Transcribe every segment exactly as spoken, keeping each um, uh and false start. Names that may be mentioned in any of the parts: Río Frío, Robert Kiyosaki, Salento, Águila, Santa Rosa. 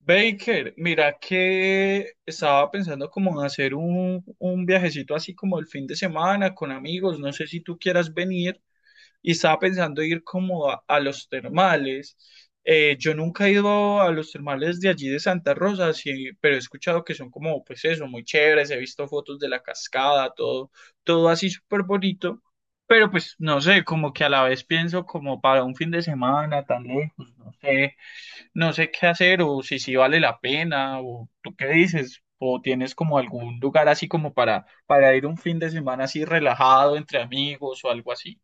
Baker, mira que estaba pensando como en hacer un, un viajecito así como el fin de semana con amigos, no sé si tú quieras venir, y estaba pensando ir como a, a los termales. Eh, yo nunca he ido a los termales de allí de Santa Rosa, sí, pero he escuchado que son como, pues eso, muy chéveres, he visto fotos de la cascada, todo, todo así súper bonito, pero pues no sé, como que a la vez pienso como para un fin de semana tan lejos, no sé no sé qué hacer o si sí vale la pena o tú qué dices o tienes como algún lugar así como para para ir un fin de semana así relajado entre amigos o algo así.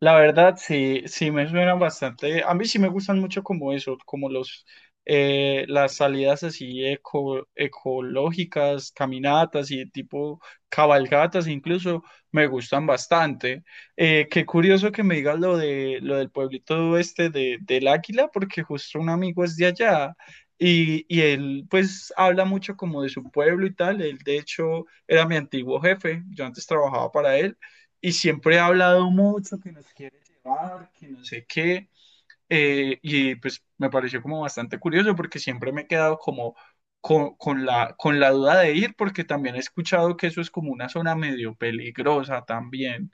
La verdad, sí, sí me suena bastante. A mí sí me gustan mucho como eso, como los eh, las salidas así eco, ecológicas, caminatas y tipo cabalgatas incluso me gustan bastante. Eh, qué curioso que me digas lo de lo del pueblito este de, del Águila, porque justo un amigo es de allá. Y, y él pues habla mucho como de su pueblo y tal. Él de hecho era mi antiguo jefe. Yo antes trabajaba para él y siempre ha hablado mucho que nos quiere llevar, que no sé qué. Eh, y pues me pareció como bastante curioso porque siempre me he quedado como con, con la, con la duda de ir porque también he escuchado que eso es como una zona medio peligrosa también.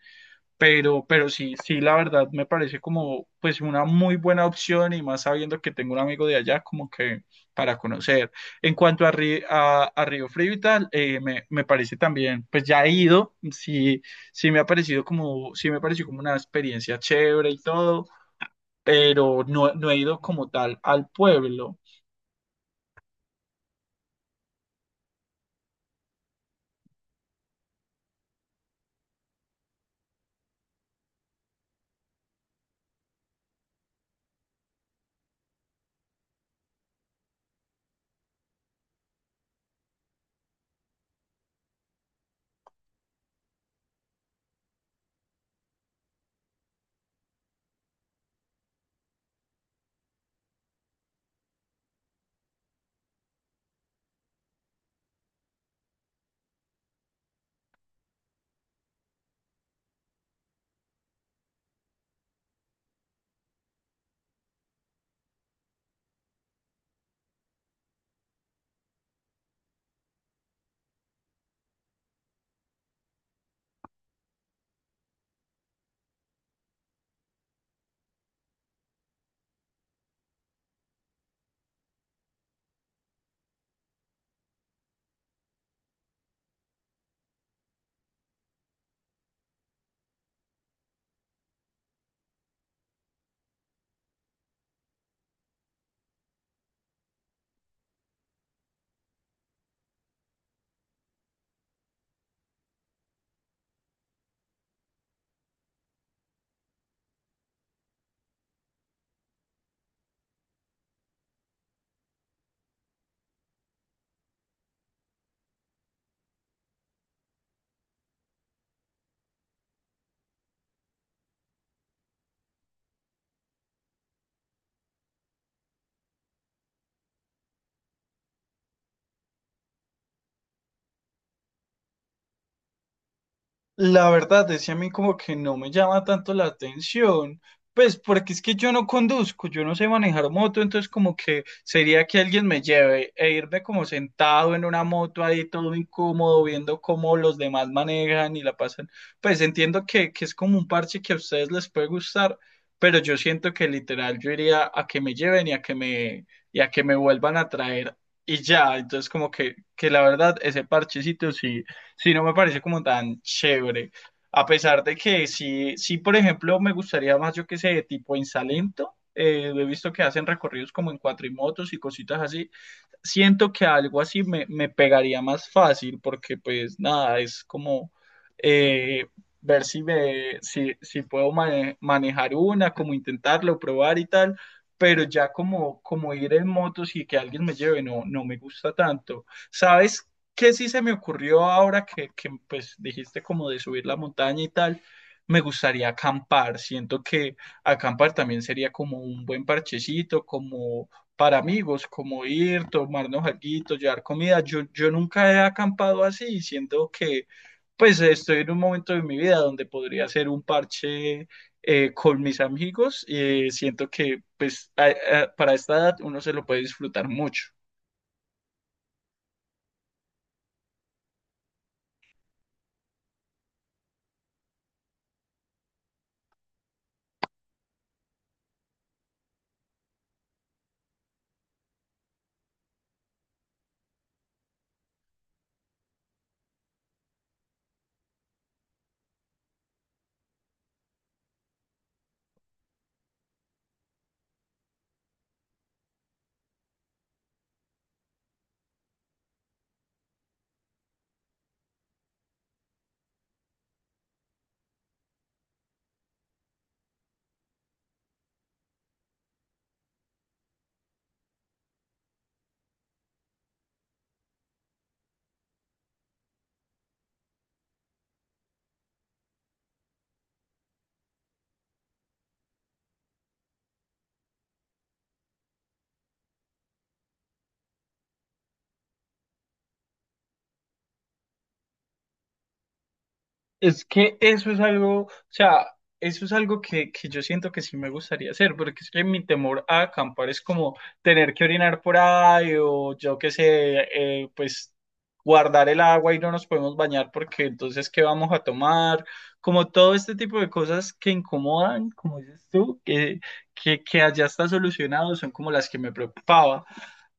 Pero, pero sí, sí, la verdad me parece como pues una muy buena opción y más sabiendo que tengo un amigo de allá como que para conocer. En cuanto a, Ri- a, a Río Frío y tal, eh, me, me parece también, pues ya he ido, sí, sí me ha parecido como, sí me pareció como una experiencia chévere y todo, pero no, no he ido como tal al pueblo. La verdad es que a mí como que no me llama tanto la atención, pues porque es que yo no conduzco, yo no sé manejar moto, entonces como que sería que alguien me lleve e irme como sentado en una moto ahí todo incómodo viendo cómo los demás manejan y la pasan. Pues entiendo que, que es como un parche que a ustedes les puede gustar, pero yo siento que literal yo iría a que me lleven y a que me, y a que me vuelvan a traer y ya, entonces como que, que la verdad ese parchecito sí sí no me parece como tan chévere. A pesar de que sí, sí, por ejemplo, me gustaría más, yo que sé, tipo en Salento. Eh, he visto que hacen recorridos como en cuatrimotos y cositas así siento que algo así me, me pegaría más fácil porque pues nada, es como eh, ver si, me, si, si puedo mane- manejar una, como intentarlo, probar y tal, pero ya como, como ir en motos y que alguien me lleve no, no me gusta tanto. ¿Sabes qué sí se me ocurrió ahora que, que pues dijiste como de subir la montaña y tal? Me gustaría acampar, siento que acampar también sería como un buen parchecito, como para amigos, como ir, tomarnos algo, llevar comida. Yo, yo nunca he acampado así, siendo que pues estoy en un momento de mi vida donde podría hacer un parche eh, con mis amigos. Eh, siento que pues a- a- para esta edad uno se lo puede disfrutar mucho. Es que eso es algo, o sea, eso es algo que, que yo siento que sí me gustaría hacer, porque es que mi temor a acampar es como tener que orinar por ahí o yo qué sé, eh, pues guardar el agua y no nos podemos bañar porque entonces ¿qué vamos a tomar? Como todo este tipo de cosas que incomodan, como dices tú, que, que, que allá está solucionado, son como las que me preocupaba.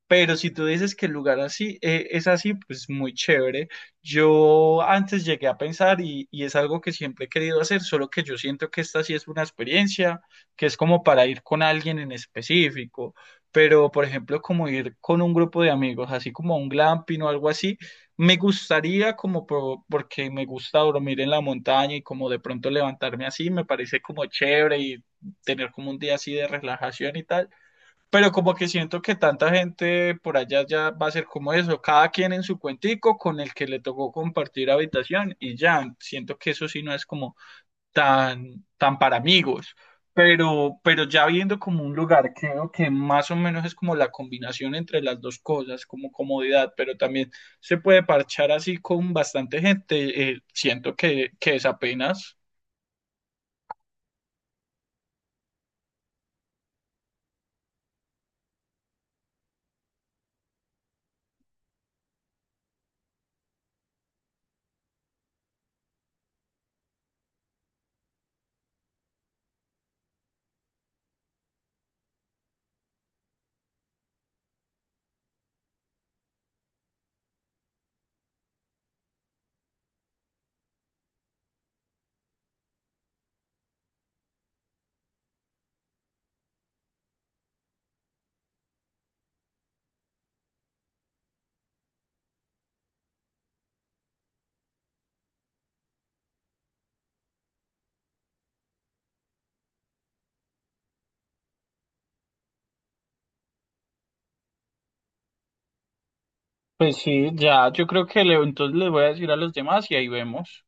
Pero si tú dices que el lugar así eh, es así, pues muy chévere. Yo antes llegué a pensar y, y es algo que siempre he querido hacer, solo que yo siento que esta sí es una experiencia que es como para ir con alguien en específico, pero por ejemplo como ir con un grupo de amigos, así como a un glamping o algo así, me gustaría como por- porque me gusta dormir en la montaña y como de pronto levantarme así, me parece como chévere y tener como un día así de relajación y tal, pero como que siento que tanta gente por allá ya va a ser como eso, cada quien en su cuentico con el que le tocó compartir habitación y ya, siento que eso sí no es como tan, tan para amigos, pero, pero ya viendo como un lugar, creo que más o menos es como la combinación entre las dos cosas, como comodidad, pero también se puede parchar así con bastante gente, eh, siento que, que es apenas. Pues sí, ya, yo creo que le, entonces les voy a decir a los demás y ahí vemos.